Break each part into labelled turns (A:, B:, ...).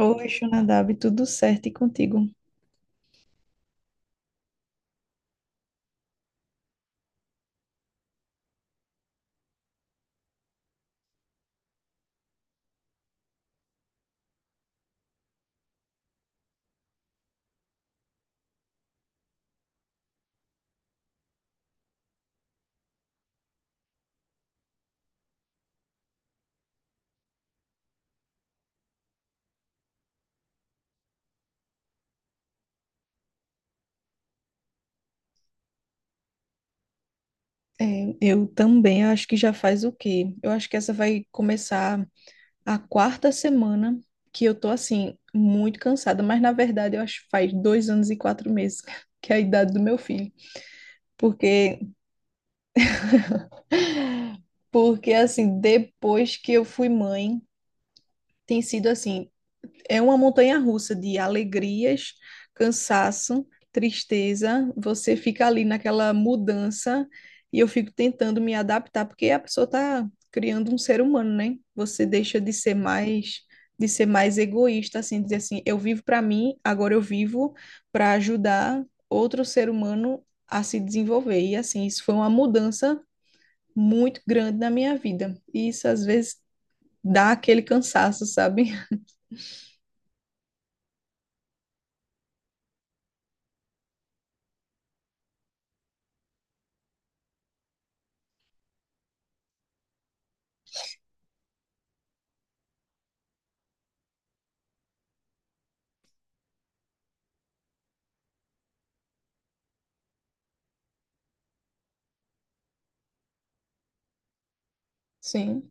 A: Oi, Xunadab, tudo certo e contigo? É, eu também acho que já faz o quê? Eu acho que essa vai começar a quarta semana que eu tô assim, muito cansada, mas na verdade eu acho que faz 2 anos e 4 meses, que é a idade do meu filho. Porque, porque assim, depois que eu fui mãe, tem sido assim, é uma montanha russa de alegrias, cansaço, tristeza. Você fica ali naquela mudança e eu fico tentando me adaptar, porque a pessoa está criando um ser humano, né? Você deixa de ser mais egoísta, assim, dizer assim, eu vivo para mim, agora eu vivo para ajudar outro ser humano a se desenvolver. E assim, isso foi uma mudança muito grande na minha vida. E isso às vezes dá aquele cansaço, sabe? Sim,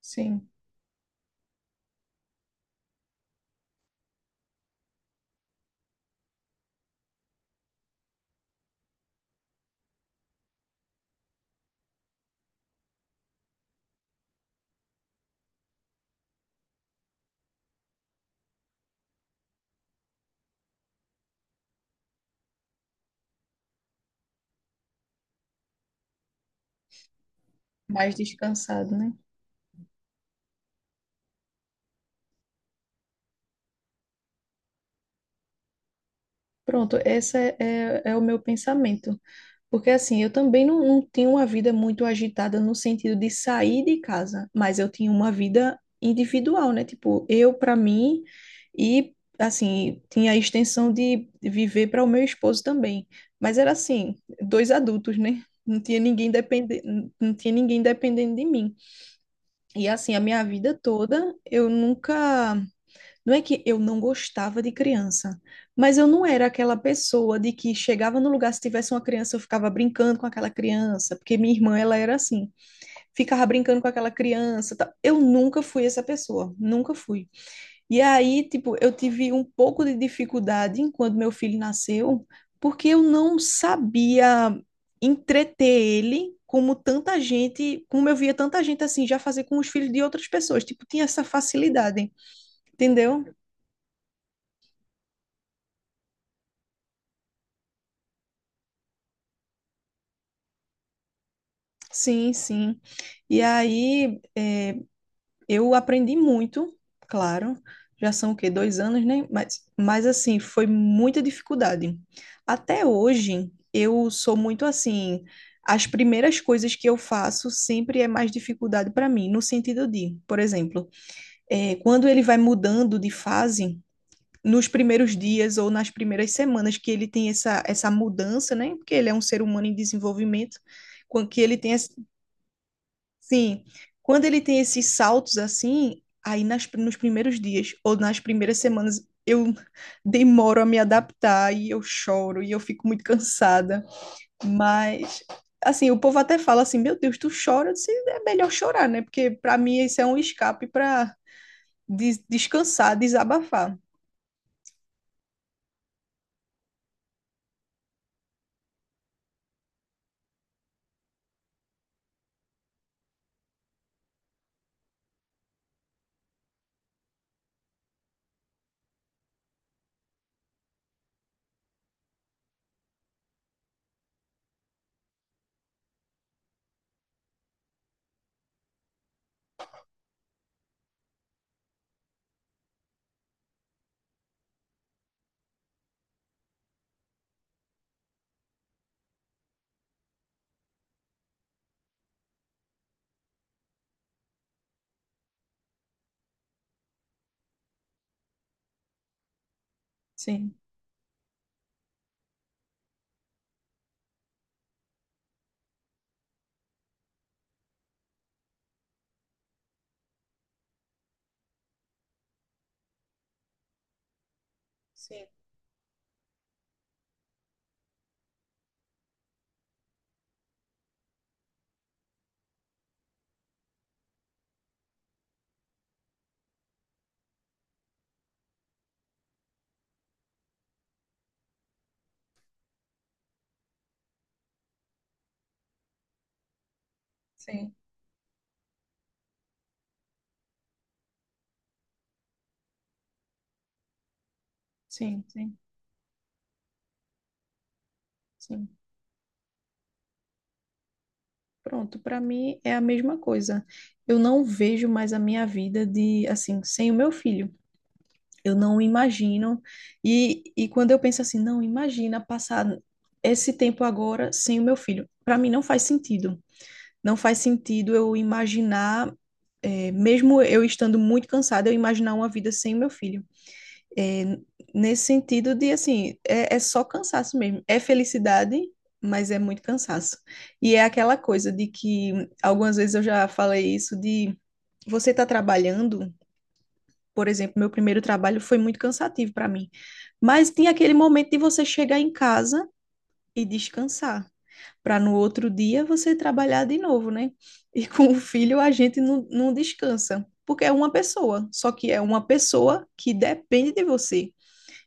A: sim. Mais descansado, né? Pronto, esse é o meu pensamento. Porque assim, eu também não tinha uma vida muito agitada no sentido de sair de casa, mas eu tinha uma vida individual, né? Tipo, eu para mim e assim, tinha a extensão de viver para o meu esposo também. Mas era assim, dois adultos, né? Não tinha ninguém dependendo de mim. E assim, a minha vida toda, eu nunca. Não é que eu não gostava de criança, mas eu não era aquela pessoa de que chegava no lugar, se tivesse uma criança, eu ficava brincando com aquela criança, porque minha irmã, ela era assim, ficava brincando com aquela criança. Tal. Eu nunca fui essa pessoa, nunca fui. E aí, tipo, eu tive um pouco de dificuldade quando meu filho nasceu, porque eu não sabia entreter ele. Como eu via tanta gente assim, já fazer com os filhos de outras pessoas. Tipo, tinha essa facilidade, entendeu? Sim, sim. E aí, eu aprendi muito, claro. Já são o quê? 2 anos, né? Mas assim, foi muita dificuldade. Até hoje, eu sou muito assim. As primeiras coisas que eu faço sempre é mais dificuldade para mim, no sentido de, por exemplo, quando ele vai mudando de fase, nos primeiros dias ou nas primeiras semanas que ele tem essa mudança, né? Porque ele é um ser humano em desenvolvimento com que ele tenha. Sim, quando ele tem esses saltos assim, aí nos primeiros dias ou nas primeiras semanas eu demoro a me adaptar e eu choro e eu fico muito cansada. Mas, assim, o povo até fala assim: Meu Deus, tu chora? Eu disse, é melhor chorar, né? Porque pra mim isso é um escape pra descansar, desabafar. Sim, sim, sim, sim, sim, sim. Pronto, pra mim é a mesma coisa. Eu não vejo mais a minha vida de assim, sem o meu filho. Eu não imagino. E quando eu penso assim, não, imagina passar esse tempo agora sem o meu filho. Para mim não faz sentido. Não faz sentido eu imaginar, mesmo eu estando muito cansada, eu imaginar uma vida sem o meu filho. Eh, Nesse sentido de, assim, é, é só cansaço mesmo. É felicidade, mas é muito cansaço. E é aquela coisa de que, algumas vezes eu já falei isso, de você tá trabalhando, por exemplo, meu primeiro trabalho foi muito cansativo para mim. Mas tem aquele momento de você chegar em casa e descansar, para no outro dia você trabalhar de novo, né? E com o filho a gente não descansa, porque é uma pessoa, só que é uma pessoa que depende de você.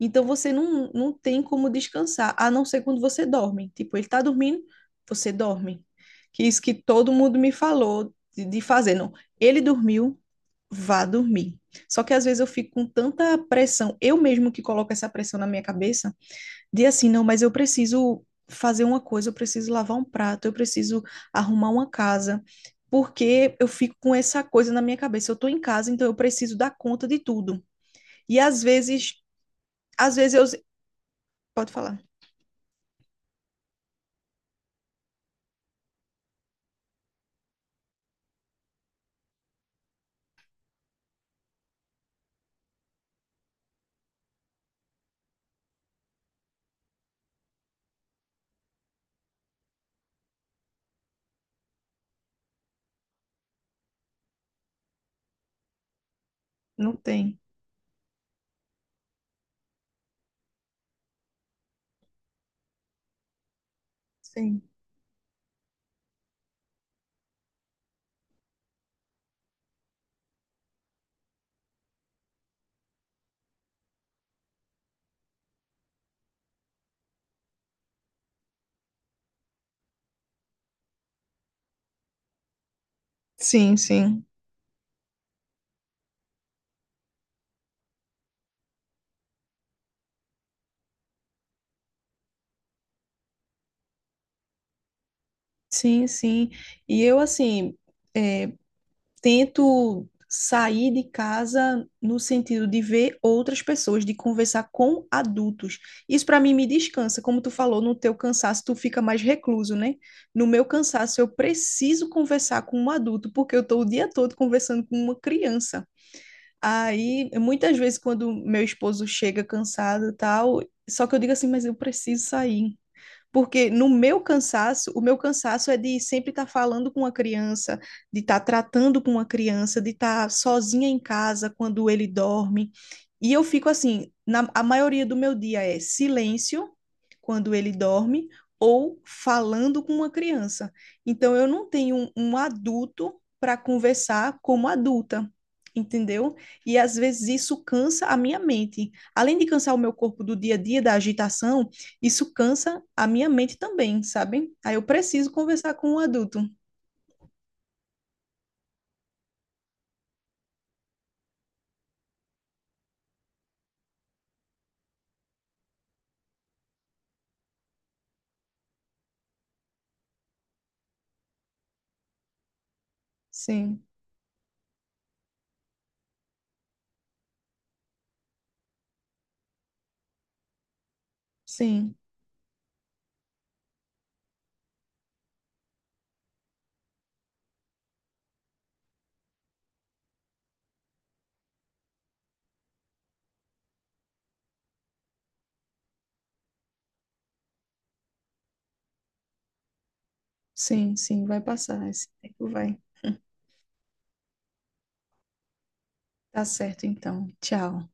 A: Então você não tem como descansar, a não ser quando você dorme. Tipo, ele tá dormindo, você dorme. Que isso que todo mundo me falou de fazer, não. Ele dormiu, vá dormir. Só que às vezes eu fico com tanta pressão, eu mesmo que coloco essa pressão na minha cabeça, de assim, não, mas eu preciso fazer uma coisa, eu preciso lavar um prato, eu preciso arrumar uma casa, porque eu fico com essa coisa na minha cabeça. Eu tô em casa, então eu preciso dar conta de tudo. E às vezes eu. Pode falar. Não tem. Sim. Sim, sim. Sim, sim. E eu, assim, eh, tento sair de casa no sentido de ver outras pessoas, de conversar com adultos. Isso para mim me descansa, como tu falou, no teu cansaço tu fica mais recluso, né? No meu cansaço eu preciso conversar com um adulto, porque eu tô o dia todo conversando com uma criança. Aí, muitas vezes quando meu esposo chega cansado, e tal, só que eu digo assim, mas eu preciso sair. Porque no meu cansaço, o meu cansaço é de sempre estar falando com uma criança, de estar tratando com uma criança, de estar sozinha em casa quando ele dorme. E eu fico assim, a maioria do meu dia é silêncio quando ele dorme ou falando com uma criança. Então eu não tenho um adulto para conversar como adulta, entendeu? E às vezes isso cansa a minha mente. Além de cansar o meu corpo do dia a dia da agitação, isso cansa a minha mente também, sabe? Aí eu preciso conversar com um adulto. Sim, sim, sim, sim, vai passar. Esse tempo vai. Tá certo, então. Tchau.